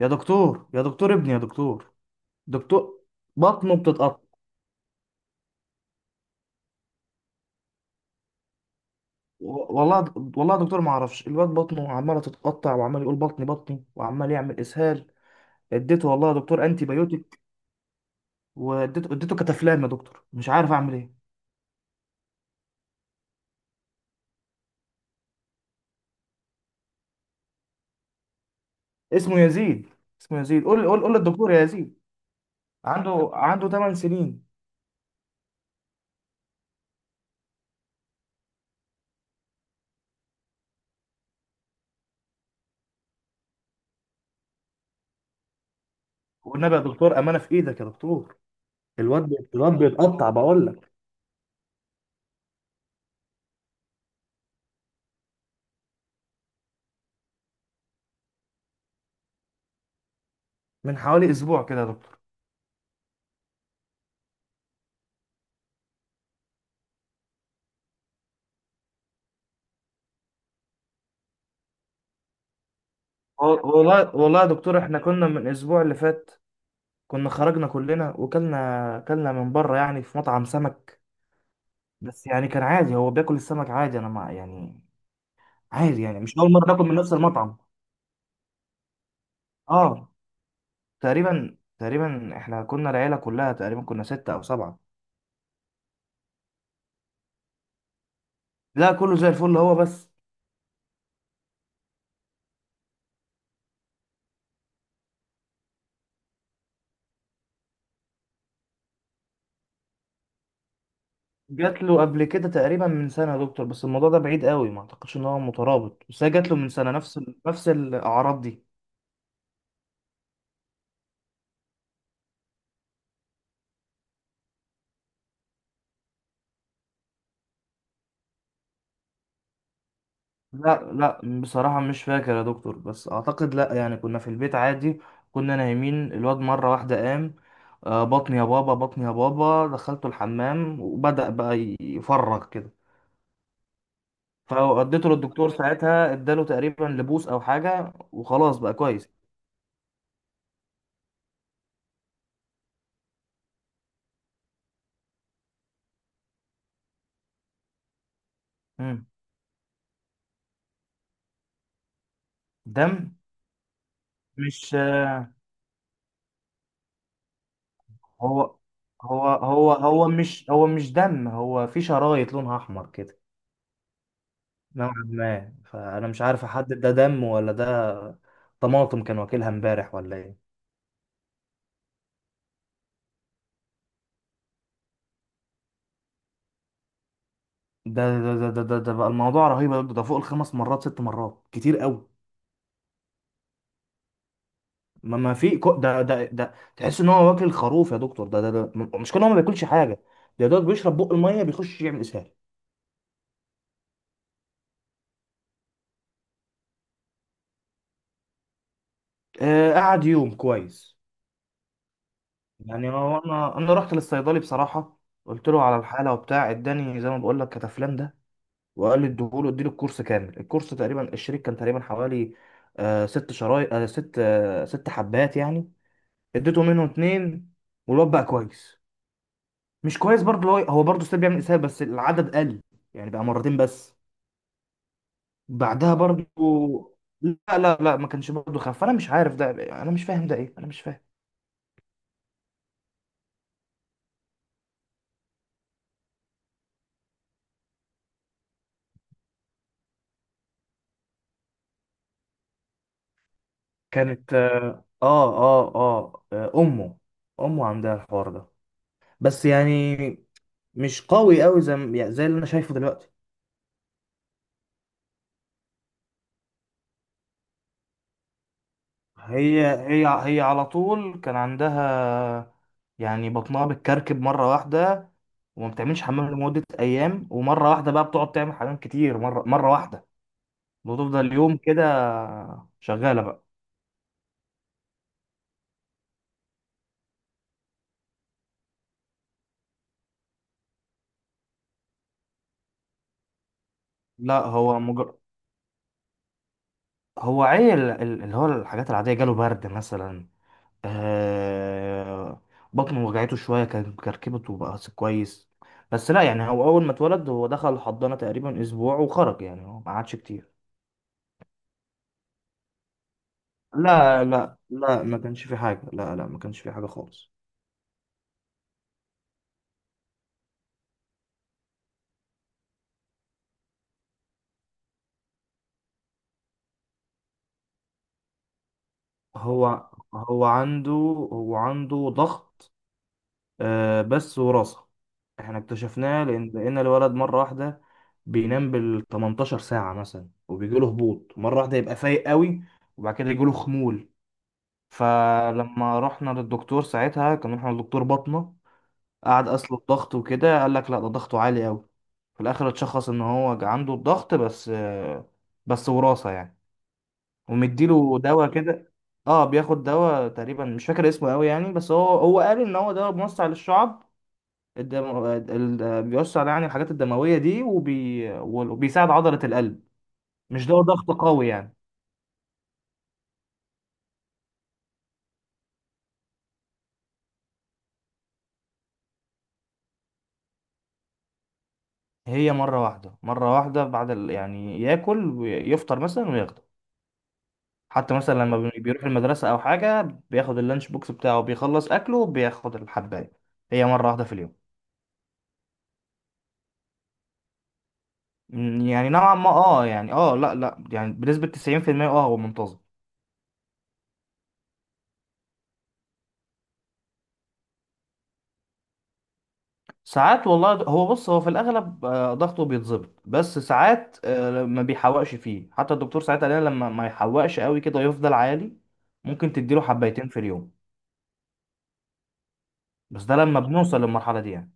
يا دكتور، يا دكتور، ابني يا دكتور. دكتور، بطنه بتتقطع. والله يا دكتور، ما اعرفش الواد بطنه عماله تتقطع وعمال يقول بطني بطني وعمال يعمل اسهال. اديته والله يا دكتور انتي بايوتيك، واديته كتافلام يا دكتور، مش عارف اعمل ايه. اسمه يزيد. اسمه يزيد، قول قول قول للدكتور يا يزيد. عنده 8 سنين. والنبي يا دكتور، امانه في ايدك يا دكتور. الواد بيتقطع بقول لك. من حوالي اسبوع كده يا دكتور. والله يا دكتور، احنا كنا من الاسبوع اللي فات كنا خرجنا كلنا وكلنا من بره، يعني في مطعم سمك، بس يعني كان عادي، هو بياكل السمك عادي، انا مع يعني عادي، يعني مش اول مره ناكل من نفس المطعم. اه، تقريبا، احنا كنا العيله كلها، تقريبا كنا ستة او سبعة. لا، كله زي الفل، هو بس. جات له قبل كده تقريبا من سنه يا دكتور، بس الموضوع ده بعيد قوي، ما اعتقدش ان هو مترابط، بس هي جات له من سنه نفس نفس الاعراض دي. لا لا، بصراحة مش فاكر يا دكتور، بس أعتقد لا، يعني كنا في البيت عادي. كنا نايمين، الواد مرة واحدة قام: بطني يا بابا، بطني يا بابا. دخلته الحمام وبدأ بقى يفرغ كده. فوديته للدكتور ساعتها، اداله تقريبا لبوس أو حاجة وخلاص بقى كويس. مم. دم. مش هو هو مش دم، هو في شرايط لونها أحمر كده نوعا ما، فانا مش عارف احدد ده دم ولا ده طماطم كان واكلها امبارح ولا ايه. ده بقى الموضوع رهيب يا دكتور، ده فوق الخمس مرات ست مرات كتير قوي. ما في ده تحس ان هو واكل خروف يا دكتور، ده مش كان، هو ما بياكلش حاجه، ده دوت بيشرب بق الميه بيخش يعمل اسهال. آه، قعد يوم كويس. يعني هو، انا رحت للصيدلي بصراحه، قلت له على الحاله وبتاع، اداني زي ما بقول لك كتافلان ده، وقال لي اديهوله، اديله الكورس كامل. الكورس تقريبا الشريك كان تقريبا حوالي آه ست شرايط، آه ست، آه ست حبات يعني. اديته منهم اتنين والواد بقى كويس. مش كويس برضه، هو برضه ستيل بيعمل اسهال، بس العدد قل، يعني بقى مرتين بس. بعدها برضه لا لا لا، ما كانش برضه خف، انا مش عارف ده، انا مش فاهم ده ايه، انا مش فاهم. كانت امه. امه عندها الحوار ده، بس يعني مش قوي قوي زي ما- يعني زي اللي انا شايفه دلوقتي. هي على طول كان عندها، يعني بطنها بتكركب مرة واحدة وما بتعملش حمام لمدة أيام، ومرة واحدة بقى بتقعد تعمل حمام كتير، مرة واحدة وتفضل يوم كده شغالة بقى. لا، هو هو عيل، اللي هو الحاجات العادية جاله برد مثلا، آه... بطنه وجعته شوية كان كركبت وبقى كويس. بس لا، يعني هو أول ما اتولد هو دخل الحضانة تقريبا أسبوع وخرج، يعني هو ما قعدش كتير. لا لا لا، ما كانش في حاجة، لا لا، ما كانش في حاجة خالص. هو عنده، هو عنده ضغط، آه بس وراثة. احنا اكتشفناه لأن الولد مرة واحدة بينام بال 18 ساعة مثلا وبيجيله هبوط مرة واحدة يبقى فايق قوي، وبعد كده يجيله خمول. فلما رحنا للدكتور ساعتها، كان رحنا للدكتور بطنه، قعد قاس له الضغط وكده، قال لك لا ده ضغطه عالي قوي. في الآخر اتشخص إن هو عنده الضغط، بس آه، بس وراثة يعني. ومديله دواء كده. اه، بياخد دواء، تقريبا مش فاكر اسمه قوي يعني، بس هو قال ان هو دواء موسع للشعب، بيوسع يعني الحاجات الدمويه دي، وبيساعد عضله القلب. مش دواء ضغط قوي يعني. هي مره واحده، مره واحده بعد يعني ياكل ويفطر مثلا وياخده. حتى مثلا لما بيروح المدرسه او حاجه، بياخد اللانش بوكس بتاعه، بيخلص اكله بياخد الحبايه. هي مره واحده في اليوم. م، يعني نوعا ما اه، يعني اه، لا لا، يعني بنسبه 90% اه، هو منتظم. ساعات والله هو بص، هو في الاغلب آه، ضغطه بيتظبط، بس ساعات آه، ما بيحوقش فيه، حتى الدكتور ساعات قال لنا لما ما يحوقش قوي كده يفضل عالي، ممكن تديله حبايتين في اليوم، بس ده لما بنوصل للمرحله دي يعني.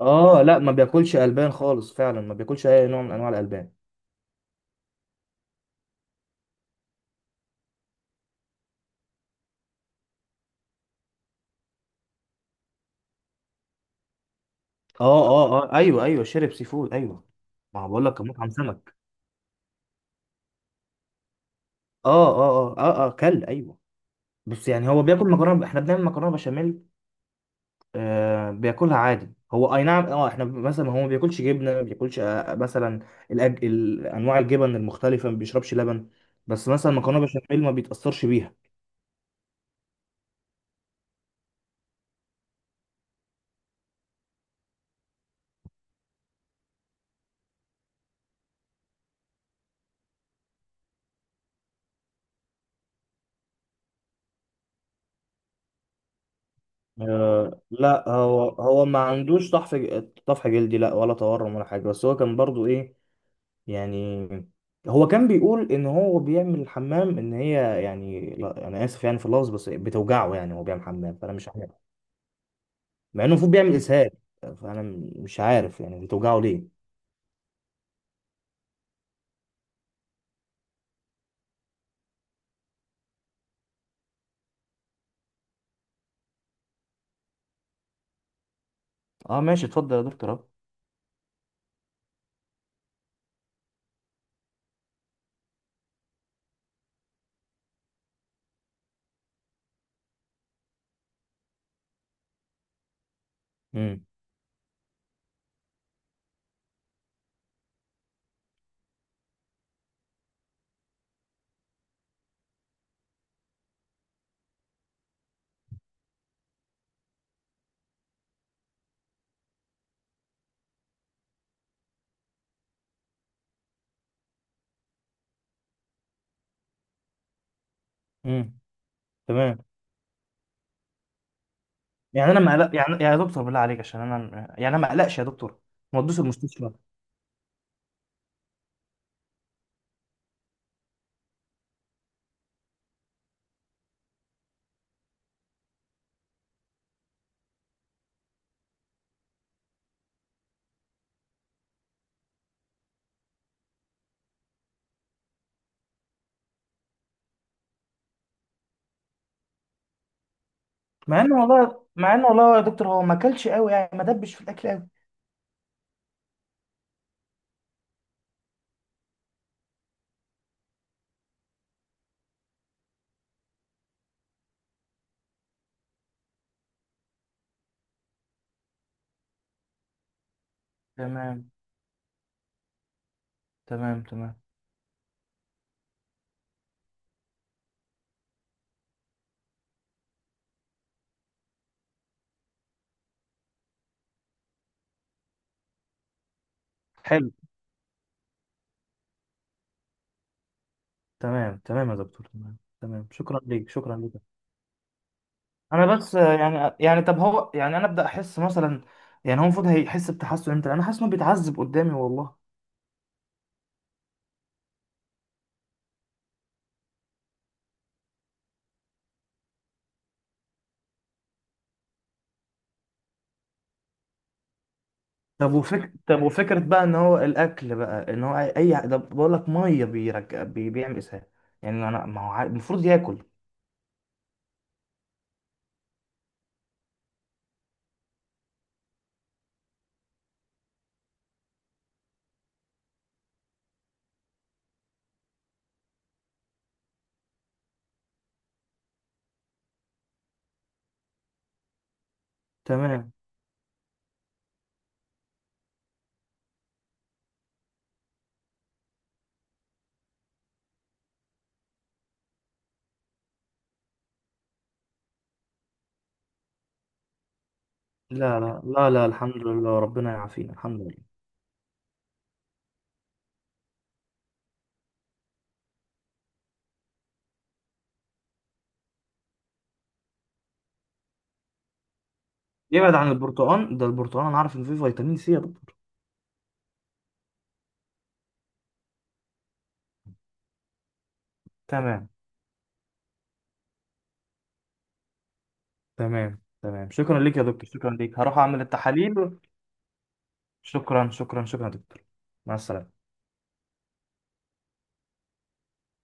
اه لا، ما بياكلش البان خالص، فعلا ما بياكلش اي نوع من انواع الالبان. اه اه اه ايوه ايوه، شرب سي فود ايوه. ما هو بقول لك كان مطعم سمك. اه اه اه اه اه، كل ايوه. بس يعني هو بياكل مكرونه، احنا بنعمل مكرونه بشاميل، آه، بياكلها عادي هو، اي نعم، اه احنا مثلا، هو ما بياكلش جبنه، ما بياكلش آه، آه مثلا انواع الجبن المختلفه، ما بيشربش لبن، بس مثلا مكرونه بشاميل ما بيتاثرش بيها. آه لا، هو ما عندوش طحف، طفح جلدي لا، ولا تورم ولا حاجه. بس هو كان برضو ايه يعني، هو كان بيقول ان هو بيعمل الحمام ان هي يعني، لا انا اسف يعني في اللفظ، بس بتوجعه يعني، هو بيعمل حمام فانا مش عارف، مع انه المفروض بيعمل اسهال، فانا مش عارف يعني بتوجعه ليه. اه ماشي، اتفضل يا دكتور اهو. امم امم، تمام. يعني انا ما قلق، يعني يعني يا دكتور بالله عليك، عشان انا يعني انا ما اقلقش يا دكتور، ما ودوش المستشفى. مع انه والله، مع انه والله يا دكتور، هو ما اكلش قوي يعني، ما دبش في الاكل قوي. تمام. تمام تمام. حلو. تمام تمام يا دكتور، تمام تمام، شكرا ليك شكرا ليك. انا بس يعني، يعني طب هو يعني، انا ابدا احس مثلا، يعني هو المفروض هيحس بتحسن امتى، انا حاسس انه بيتعذب قدامي والله. طب طب وفكرة بقى ان هو الاكل، بقى ان هو اي ده بقول لك ميه بيرجع بيعمل اسهال، يعني انا ما هو المفروض ياكل. تمام. لا لا لا لا، الحمد لله، ربنا يعافينا، الحمد لله. يبعد عن البرتقال ده، البرتقال انا عارف ان فيه فيتامين سي يا دكتور. تمام تمام تمام، شكرا ليك يا دكتور، شكرا ليك، هروح اعمل التحاليل. شكرا شكرا شكرا يا دكتور. مع السلامة.